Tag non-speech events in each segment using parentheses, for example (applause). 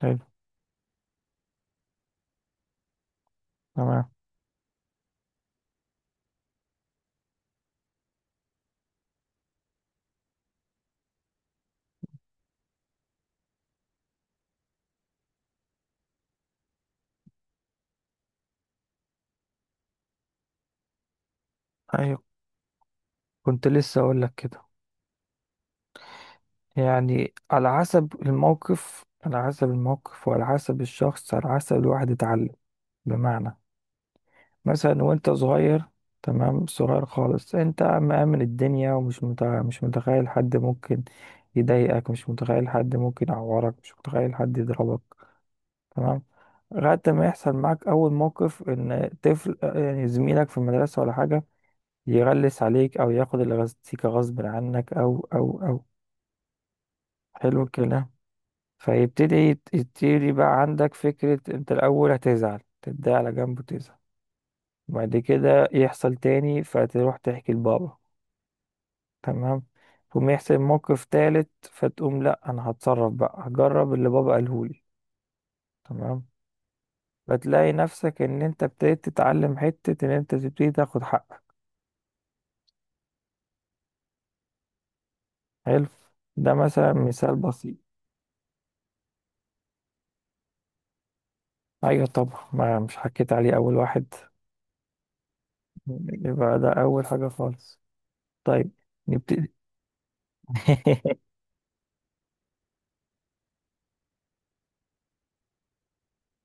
حلو. تمام. ايوه، كنت لسه اقول لك كده. يعني على حسب الموقف، وعلى حسب الشخص، على حسب الواحد اتعلم. بمعنى، مثلا وانت صغير، تمام، صغير خالص، انت مأمن الدنيا ومش مش متخيل حد ممكن يضايقك، مش متخيل حد ممكن يعورك، مش متخيل حد يضربك. تمام. لغاية ما يحصل معاك أول موقف إن طفل، يعني زميلك في المدرسة ولا حاجة، يغلس عليك او ياخد الغازيكا غصب عنك او. حلو الكلام. فيبتدي يبتدي بقى عندك فكرة. انت الاول هتزعل، تتضايق على جنب وتزعل. بعد كده يحصل تاني، فتروح تحكي لبابا. تمام. تقوم يحصل موقف تالت، فتقوم لا، انا هتصرف بقى، هجرب اللي بابا قالهولي. تمام. فتلاقي نفسك ان انت ابتديت تتعلم حتة ان انت تبتدي تاخد حقك. حلو. ده مثلا مثال بسيط. ايوه طبعا، ما مش حكيت عليه اول واحد، يبقى ده أول حاجة خالص. طيب، نبتدي. (laughs)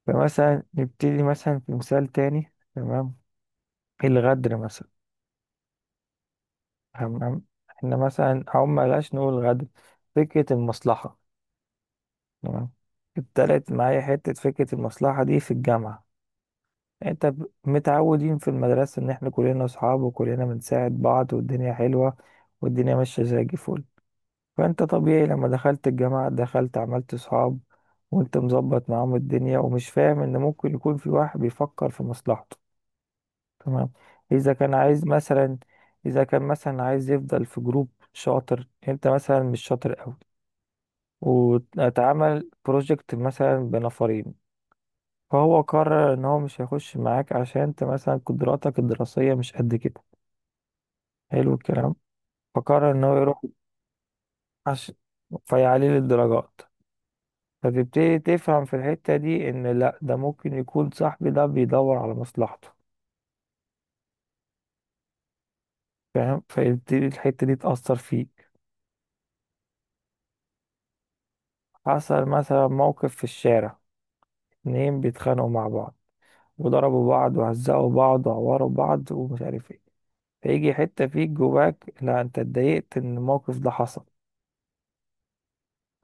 فمثلا نبتدي مثلا في مثال تاني، تمام؟ الغدر مثلا. احنا مثلا أو ملاش نقول غدر، فكرة المصلحة. تمام. ابتدت معايا حتة فكرة المصلحة دي في الجامعة. انت متعودين في المدرسة ان احنا كلنا اصحاب وكلنا بنساعد بعض، والدنيا حلوة والدنيا ماشية زي الفل. فانت طبيعي لما دخلت الجامعة، دخلت عملت صحاب وانت مظبط معاهم الدنيا، ومش فاهم ان ممكن يكون في واحد بيفكر في مصلحته. تمام؟ اذا كان عايز مثلا، اذا كان مثلا عايز يفضل في جروب شاطر، انت مثلا مش شاطر قوي، واتعمل بروجكت مثلا بنفرين، فهو قرر ان هو مش هيخش معاك عشان انت مثلا قدراتك الدراسية مش قد كده. حلو الكلام. فقرر ان هو يروح، عش... فيعلي الدرجات. فتبتدي تفهم في الحتة دي ان لا، ده ممكن يكون صاحبي ده بيدور على مصلحته، فاهم؟ فيبتدي الحتة دي تأثر فيك. حصل مثلا موقف في الشارع، اتنين بيتخانقوا مع بعض، وضربوا بعض وهزقوا بعض وعوروا بعض ومش عارف ايه. فيجي حتة فيك جواك لا، انت اتضايقت ان الموقف ده حصل،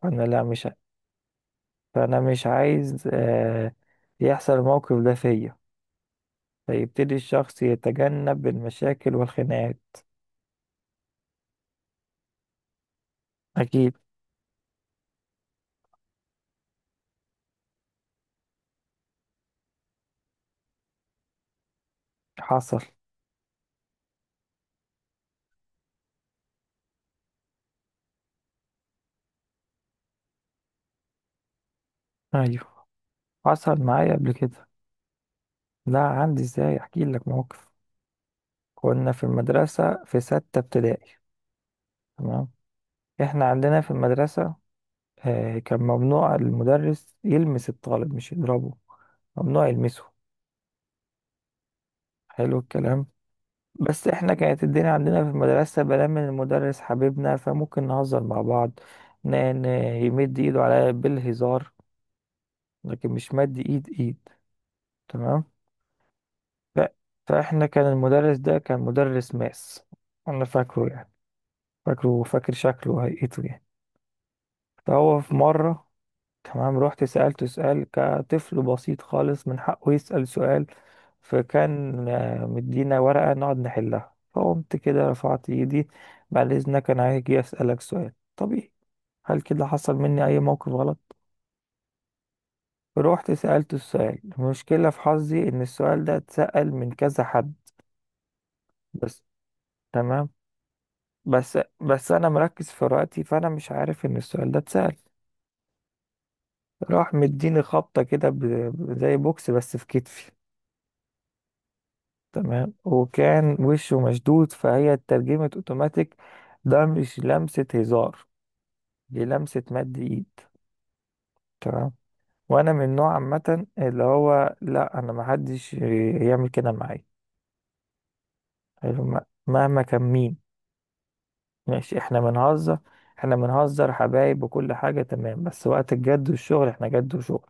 فانا لا، مش ع- فانا مش عايز آه يحصل الموقف ده فيا. فيبتدي الشخص يتجنب المشاكل والخناقات. اكيد حصل. ايوه حصل معايا قبل كده. لا عندي، ازاي؟ احكي لك موقف. كنا في المدرسة في ستة ابتدائي. تمام. احنا عندنا في المدرسة كان ممنوع المدرس يلمس الطالب، مش يضربه، ممنوع يلمسه. حلو الكلام. بس احنا كانت الدنيا عندنا في المدرسة بلا من المدرس حبيبنا، فممكن نهزر مع بعض. ن- ن- يمد ايده عليا بالهزار، لكن مش مد ايد ايد. تمام. ف- فاحنا كان المدرس ده كان مدرس ماس، انا فاكره يعني، فاكره، فاكر شكله وهيئته يعني. فهو في مرة، تمام، رحت سألته سؤال كطفل بسيط خالص من حقه يسأل سؤال. فكان مدينا ورقة نقعد نحلها، فقمت كده رفعت ايدي، بعد اذنك انا هاجي اسألك سؤال طبيعي. هل كده حصل مني اي موقف غلط؟ رحت سألته السؤال. المشكلة في حظي ان السؤال ده اتسأل من كذا حد بس. تمام. بس انا مركز في وقتي، فانا مش عارف ان السؤال ده اتسأل. راح مديني خبطة كده، زي بوكس بس في كتفي. تمام. وكان وشه مشدود، فهي اترجمت اوتوماتيك، ده مش لمسة هزار، دي لمسة مد ايد. تمام. وانا من نوع عامة اللي هو لا، انا محدش يعمل كده معايا. حلو، مهما كان مين. ماشي، احنا بنهزر، احنا بنهزر حبايب وكل حاجة، تمام، بس وقت الجد والشغل، احنا جد وشغل.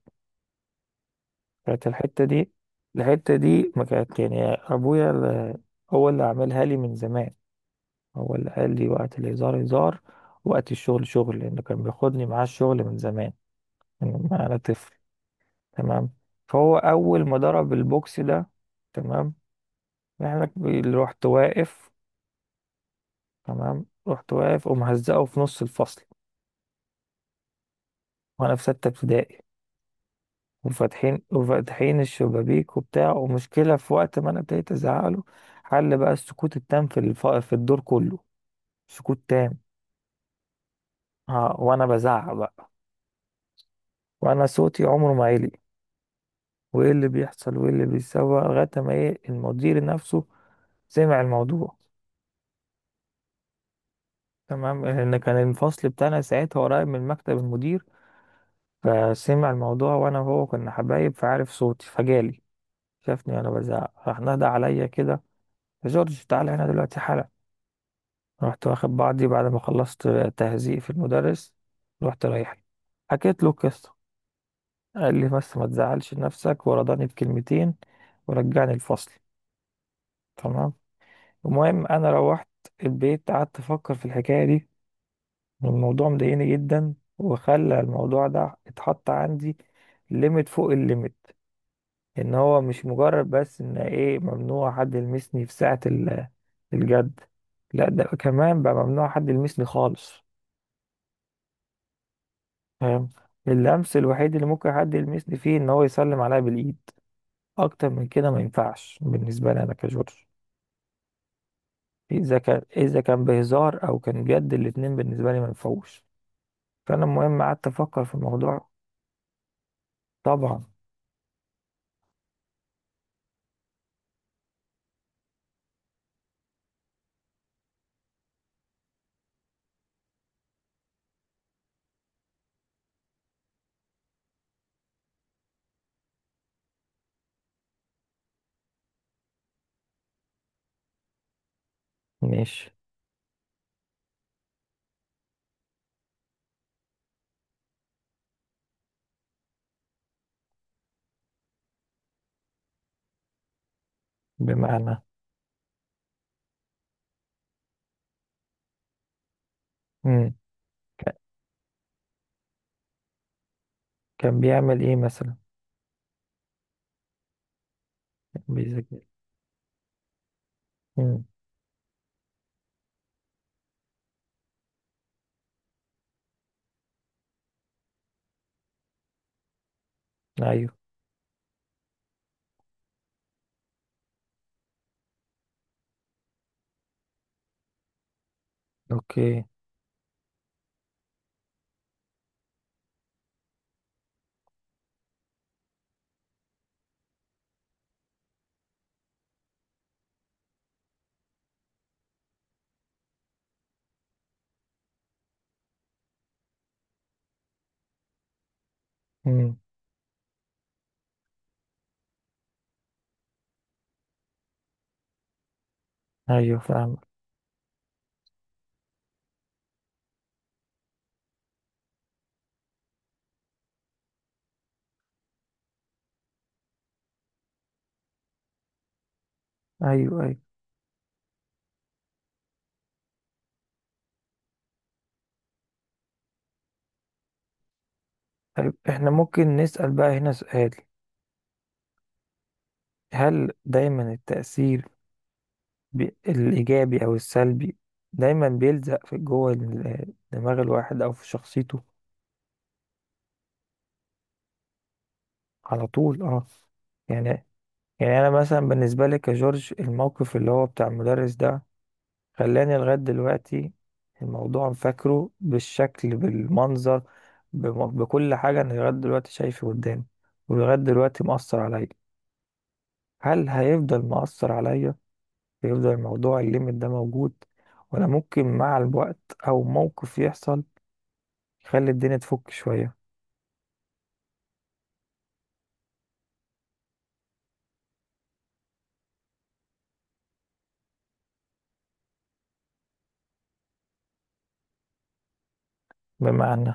كانت الحتة دي، الحتة دي ما كانت يعني أبويا هو اللي عملها لي من زمان، هو اللي قال لي وقت الهزار هزار، وقت الشغل شغل، لأنه كان بياخدني معاه الشغل من زمان، من ما أنا طفل. تمام. فهو أول ما ضرب البوكس ده، تمام، يعني اللي رحت واقف، تمام، رحت واقف ومهزقه في نص الفصل، وأنا في ستة ابتدائي، وفاتحين الشبابيك وبتاع ومشكلة، في وقت ما انا ابتديت ازعق له حل بقى السكوت التام في في الدور كله، سكوت تام. ها، وانا بزعق بقى، وانا صوتي عمره ما عالي، وايه اللي بيحصل وايه اللي بيتسوى، لغاية ما ايه، المدير نفسه سمع الموضوع. تمام، لان كان الفصل بتاعنا ساعتها قريب من مكتب المدير، فسمع الموضوع، وانا وهو كنا حبايب فعارف صوتي، فجالي، شافني وانا بزعق، راح نادى عليا كده، يا جورج تعالى هنا دلوقتي حالا. رحت واخد بعضي بعد ما خلصت تهزيء في المدرس، رحت رايح له. حكيت له القصة، قال لي بس ما تزعلش نفسك، ورضاني بكلمتين ورجعني الفصل. تمام. المهم انا روحت البيت، قعدت افكر في الحكاية دي، والموضوع مضايقني جدا، وخلى الموضوع ده اتحط عندي ليميت فوق الليميت، ان هو مش مجرد بس ان ايه، ممنوع حد يلمسني في ساعة الجد، لا، ده كمان بقى ممنوع حد يلمسني خالص، فاهم؟ اللمس الوحيد اللي ممكن حد يلمسني فيه ان هو يسلم عليا بالايد، اكتر من كده ما ينفعش بالنسبه لي انا كجورج. اذا كان بهزار او كان جد، الاتنين بالنسبه لي ما ينفعوش. فانا المهم قعدت افكر في الموضوع. طبعا. ماشي. بمعنى. مم. ك- كان بيعمل ايه مثلا؟ كان بيذاكر. مم. ايوه. اوكي. مم. ايوه فاهم. ايوه، ايوه. طيب، احنا ممكن نسال بقى هنا سؤال، هل دايما التاثير الإيجابي أو السلبي دايما بيلزق في جوه دماغ الواحد أو في شخصيته؟ على طول اه؟ يعني، يعني أنا مثلا بالنسبة لي كجورج، الموقف اللي هو بتاع المدرس ده، خلاني لغاية دلوقتي الموضوع فاكره بالشكل، بالمنظر، بكل حاجة، أنا لغاية دلوقتي شايفه قدامي، ولغاية دلوقتي مؤثر عليا. هل هيفضل مؤثر عليا، هيفضل الموضوع الليميت ده موجود، ولا ممكن مع الوقت أو موقف يحصل خلي الدنيا تفك شوية؟ بمعنى.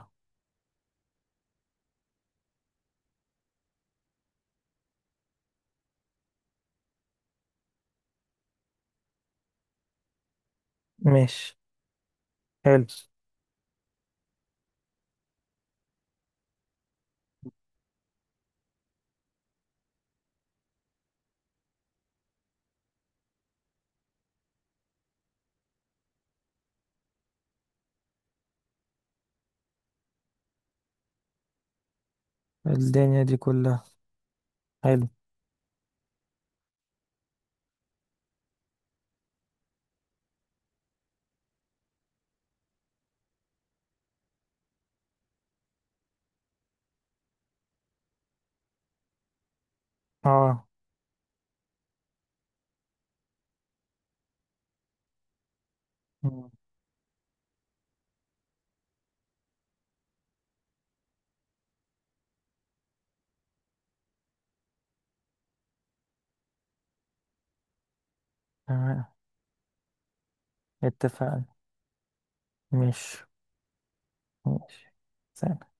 ماشي. حلو. الدنيا دي كلها. حلو. اه. مم. تمام. اتفقنا. ماشي. ماشي. سلام.